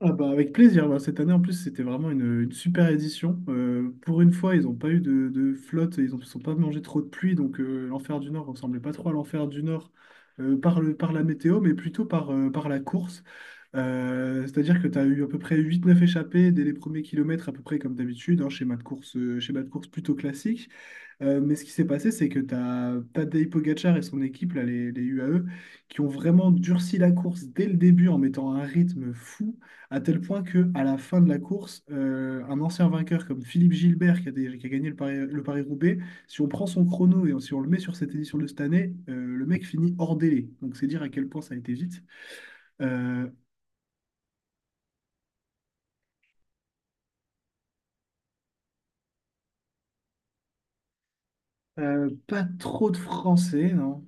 Ah bah avec plaisir. Bah, cette année, en plus, c'était vraiment une super édition. Pour une fois, ils n'ont pas eu de flotte, ils ne sont pas mangé trop de pluie. Donc, l'enfer du Nord ressemblait pas trop à l'enfer du Nord par la météo, mais plutôt par la course. C'est-à-dire que tu as eu à peu près huit neuf échappées dès les premiers kilomètres, à peu près comme d'habitude, hein, schéma de course, plutôt classique. Mais ce qui s'est passé, c'est que tu as Tadej Pogacar et son équipe, là, les UAE, qui ont vraiment durci la course dès le début en mettant un rythme fou, à tel point que à la fin de la course, un ancien vainqueur comme Philippe Gilbert, qui a gagné le Paris-Roubaix, si on prend son chrono et si on le met sur cette édition de cette année, le mec finit hors délai. Donc c'est dire à quel point ça a été vite. Euh, pas trop de Français, non.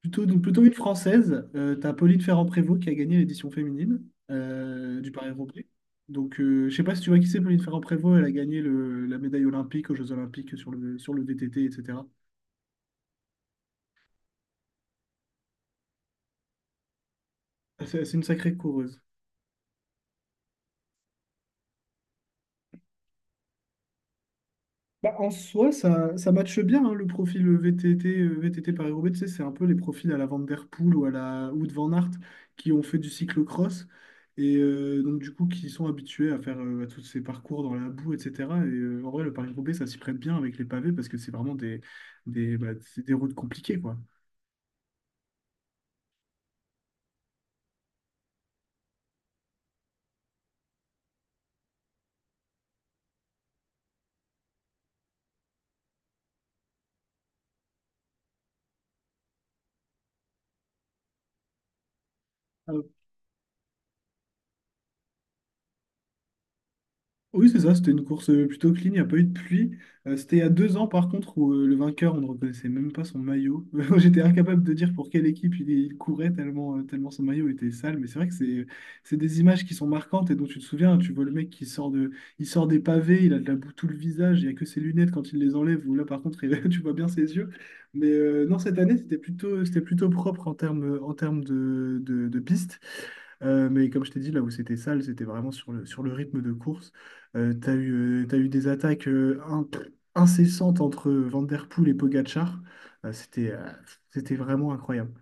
Plutôt, plutôt une française. T'as Pauline Ferrand-Prévot qui a gagné l'édition féminine du Paris-Roubaix. Donc, je sais pas si tu vois qui c'est, Pauline Ferrand-Prévot. Elle a gagné la médaille olympique aux Jeux Olympiques sur le VTT, etc. C'est une sacrée coureuse. Bah, en soi, ça matche bien hein, le profil VTT Paris-Roubaix. Tu sais, c'est un peu les profils à la Van Der Poel ou à la ou de Van Aert qui ont fait du cyclocross et donc du coup qui sont habitués à faire à tous ces parcours dans la boue, etc. Et en vrai, le Paris-Roubaix, ça s'y prête bien avec les pavés parce que c'est vraiment c'est des routes compliquées, quoi. Oui, c'est ça, c'était une course plutôt clean, il n'y a pas eu de pluie. C'était il y a 2 ans, par contre, où le vainqueur, on ne reconnaissait même pas son maillot. J'étais incapable de dire pour quelle équipe il courait, tellement son maillot était sale. Mais c'est vrai que c'est des images qui sont marquantes et dont tu te souviens. Tu vois le mec il sort des pavés, il a de la boue tout le visage, il n'y a que ses lunettes quand il les enlève, ou là, par contre, tu vois bien ses yeux. Mais non, cette année, c'était plutôt propre en termes de piste. Mais comme je t'ai dit, là où c'était sale, c'était vraiment sur le rythme de course. T'as eu des attaques incessantes entre Van Der Poel et Pogačar. Euh, c'était euh, c'était vraiment incroyable.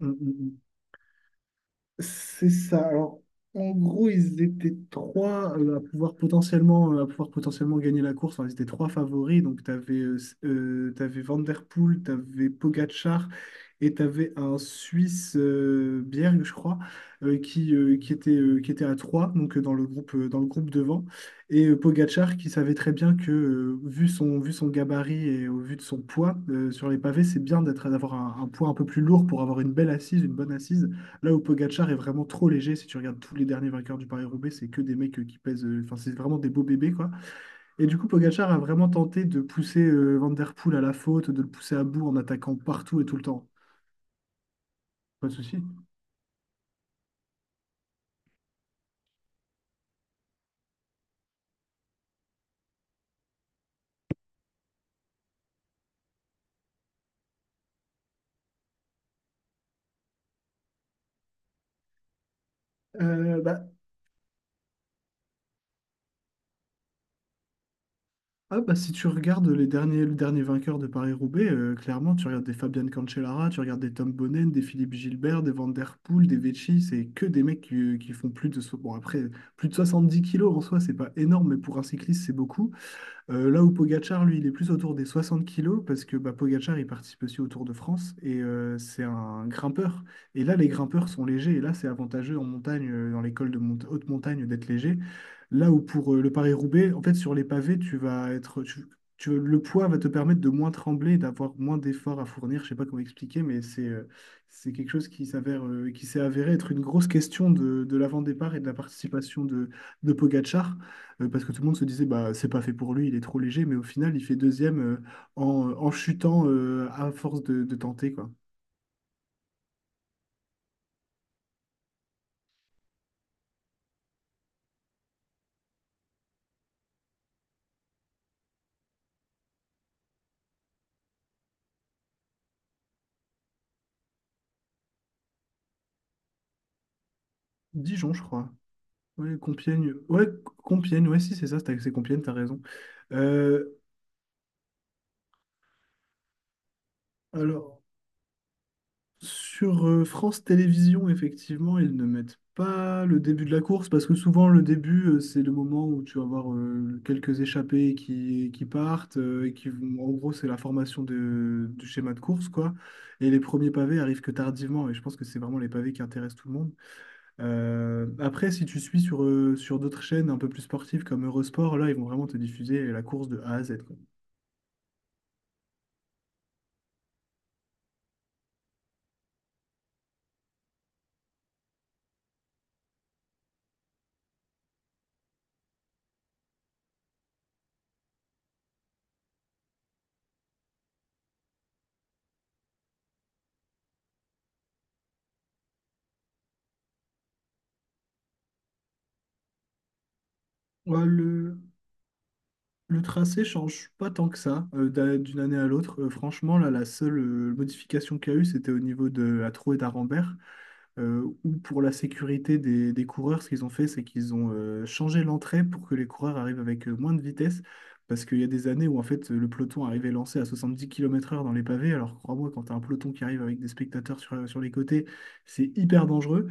Mm, mm, mm. C'est ça. Alors, en gros, ils étaient trois à pouvoir potentiellement gagner la course. Enfin, ils étaient trois favoris. Donc, tu avais, Van der Poel, tu avais Pogacar et tu avais un Suisse, Bjerg, je crois, qui était à trois, donc dans le groupe devant. Et Pogacar qui savait très bien que, vu son gabarit et au vu de son poids sur les pavés, c'est bien d'avoir un poids un peu plus lourd pour avoir une belle assise, une bonne assise. Là où Pogacar est vraiment trop léger, si tu regardes tous les derniers vainqueurs du Paris-Roubaix, c'est que des mecs enfin c'est vraiment des beaux bébés quoi. Et du coup, Pogacar a vraiment tenté de pousser Van Der Poel à la faute, de le pousser à bout en attaquant partout et tout le temps. Pas de souci. Euh, bah, bah, si tu regardes le dernier vainqueur de Paris-Roubaix, clairement, tu regardes des Fabian Cancellara, tu regardes des Tom Bonnen, des Philippe Gilbert, des Van Der Poel, des Vecchi, c'est que des mecs qui font bon, après, plus de 70 kilos en soi, c'est pas énorme, mais pour un cycliste, c'est beaucoup. Là où Pogacar, lui, il est plus autour des 60 kilos parce que bah, Pogacar, il participe aussi au Tour de France et c'est un grimpeur. Et là, les grimpeurs sont légers et là, c'est avantageux en montagne, dans les cols de haute montagne, d'être léger. Là où pour le Paris-Roubaix, en fait, sur les pavés, tu vas être, tu- tu- le poids va te permettre de moins trembler, d'avoir moins d'efforts à fournir. Je sais pas comment expliquer, mais c'est quelque chose qui s'est avéré être une grosse question de l'avant-départ et de la participation de Pogacar. Parce que tout le monde se disait, bah, c'est pas fait pour lui, il est trop léger, mais au final, il fait deuxième en chutant à force de tenter, quoi. Dijon, je crois. Ouais, Compiègne. Ouais, Compiègne, ouais, si, c'est ça, c'est Compiègne, t'as raison. Euh, alors, sur France Télévisions, effectivement, ils ne mettent pas le début de la course parce que souvent le début, c'est le moment où tu vas avoir quelques échappés qui partent et qui vont. En gros, c'est la formation du schéma de course, quoi. Et les premiers pavés arrivent que tardivement et je pense que c'est vraiment les pavés qui intéressent tout le monde. Après, si tu suis sur d'autres chaînes un peu plus sportives comme Eurosport, là, ils vont vraiment te diffuser la course de A à Z, quoi. Ouais. Le tracé change pas tant que ça d'une année à l'autre. Franchement, là, la seule modification qu'il y a eu, c'était au niveau de la Trau et d'Arambert, où pour la sécurité des coureurs, ce qu'ils ont fait, c'est qu'ils ont changé l'entrée pour que les coureurs arrivent avec moins de vitesse, parce qu'il y a des années où en fait le peloton arrivait lancé à 70 km/h dans les pavés. Alors crois-moi, quand tu as un peloton qui arrive avec des spectateurs sur les côtés, c'est hyper dangereux.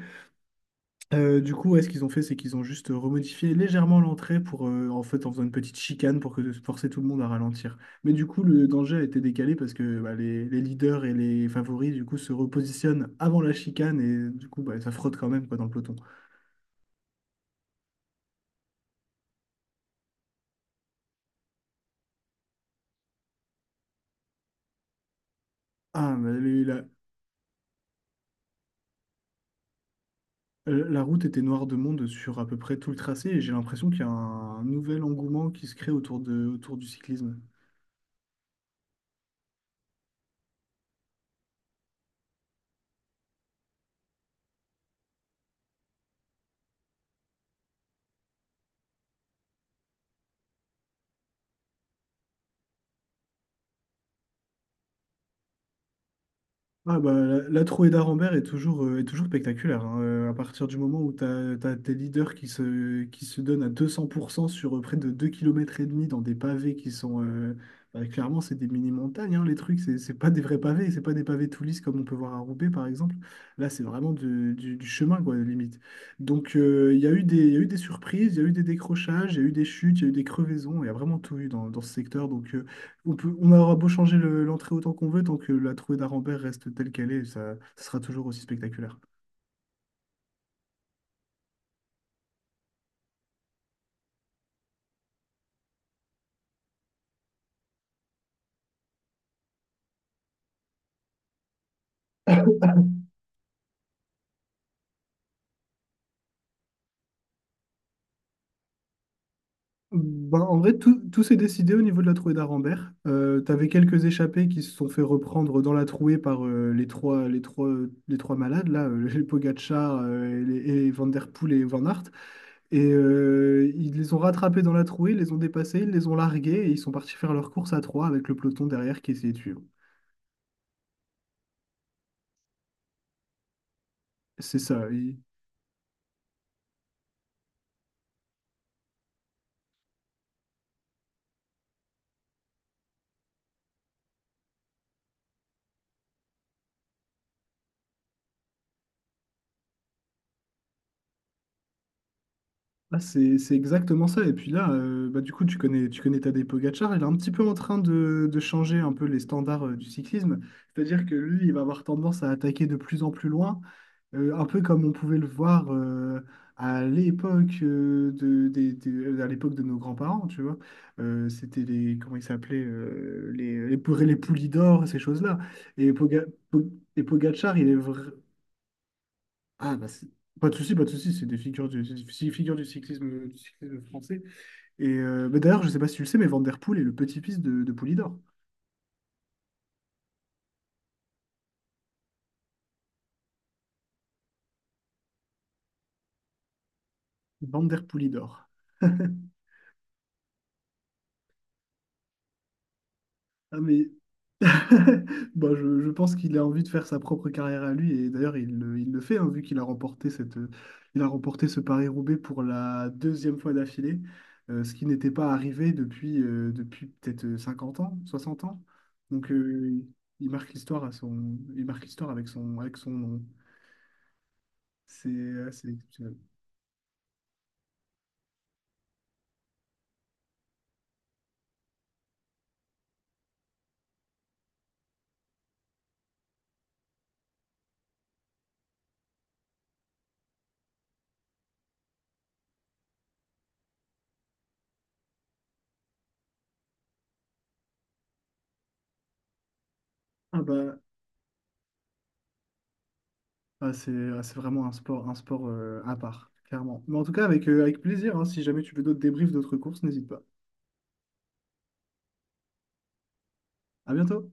Du coup, ouais, ce qu'ils ont fait, c'est qu'ils ont juste remodifié légèrement l'entrée pour, en fait, en faisant une petite chicane pour que forcer tout le monde à ralentir. Mais du coup, le danger a été décalé parce que bah, les leaders et les favoris, du coup, se repositionnent avant la chicane et du coup, bah, ça frotte quand même quoi, dans le peloton. Ah, mais la route était noire de monde sur à peu près tout le tracé et j'ai l'impression qu'il y a un nouvel engouement qui se crée autour du cyclisme. Ah bah, la trouée d'Arambert est toujours spectaculaire, hein. À partir du moment où tes leaders qui se donnent à 200% sur près de 2,5 kilomètres dans des pavés. Bah, clairement, c'est des mini-montagnes, hein, les trucs. C'est pas des vrais pavés, c'est pas des pavés tout lisses comme on peut voir à Roubaix, par exemple. Là, c'est vraiment du chemin, quoi, limite. Donc, il y a eu des, il y a eu des surprises, il y a eu des décrochages, il y a eu des chutes, il y a eu des crevaisons. Il y a vraiment tout eu dans ce secteur. Donc, on aura beau changer l'entrée autant qu'on veut, tant que la trouée d'Arambert reste telle qu'elle est, ça sera toujours aussi spectaculaire. Ben, en vrai, tout s'est décidé au niveau de la trouée d'Arambert. T'avais quelques échappés qui se sont fait reprendre dans la trouée par les trois malades, là, les Pogacar, et Van Der Poel et Van Aert. Et ils les ont rattrapés dans la trouée, ils les ont dépassés, ils les ont largués et ils sont partis faire leur course à trois avec le peloton derrière qui essayait de suivre. C'est ça. Ah, c'est exactement ça. Et puis là, bah, du coup, tu connais Tadej Pogacar. Il est un petit peu en train de changer un peu les standards du cyclisme. C'est-à-dire que lui, il va avoir tendance à attaquer de plus en plus loin, un peu comme on pouvait le voir à l'époque à l'époque de nos grands-parents, tu vois. C'était les, comment ils s'appelaient, les poulies d'or, ces choses-là. Et, Po- Pogacar, il est vrai. Ah, bah, pas de souci, pas de souci, c'est des figures du cyclisme français. Et bah, d'ailleurs, je sais pas si tu le sais, mais Van Der Poel est le petit-fils de Poulidor. Van Der Poulidor. Ah, mais bah, je pense qu'il a envie de faire sa propre carrière à lui, et d'ailleurs, il le fait, hein, vu qu'il a remporté il a remporté ce Paris-Roubaix pour la deuxième fois d'affilée, ce qui n'était pas arrivé depuis, depuis peut-être 50 ans, 60 ans. Donc, il marque l'histoire il marque l'histoire avec son nom. C'est exceptionnel. Ah bah, c'est vraiment un sport à part, clairement. Mais en tout cas, avec plaisir, hein. Si jamais tu veux d'autres débriefs, d'autres courses, n'hésite pas. À bientôt!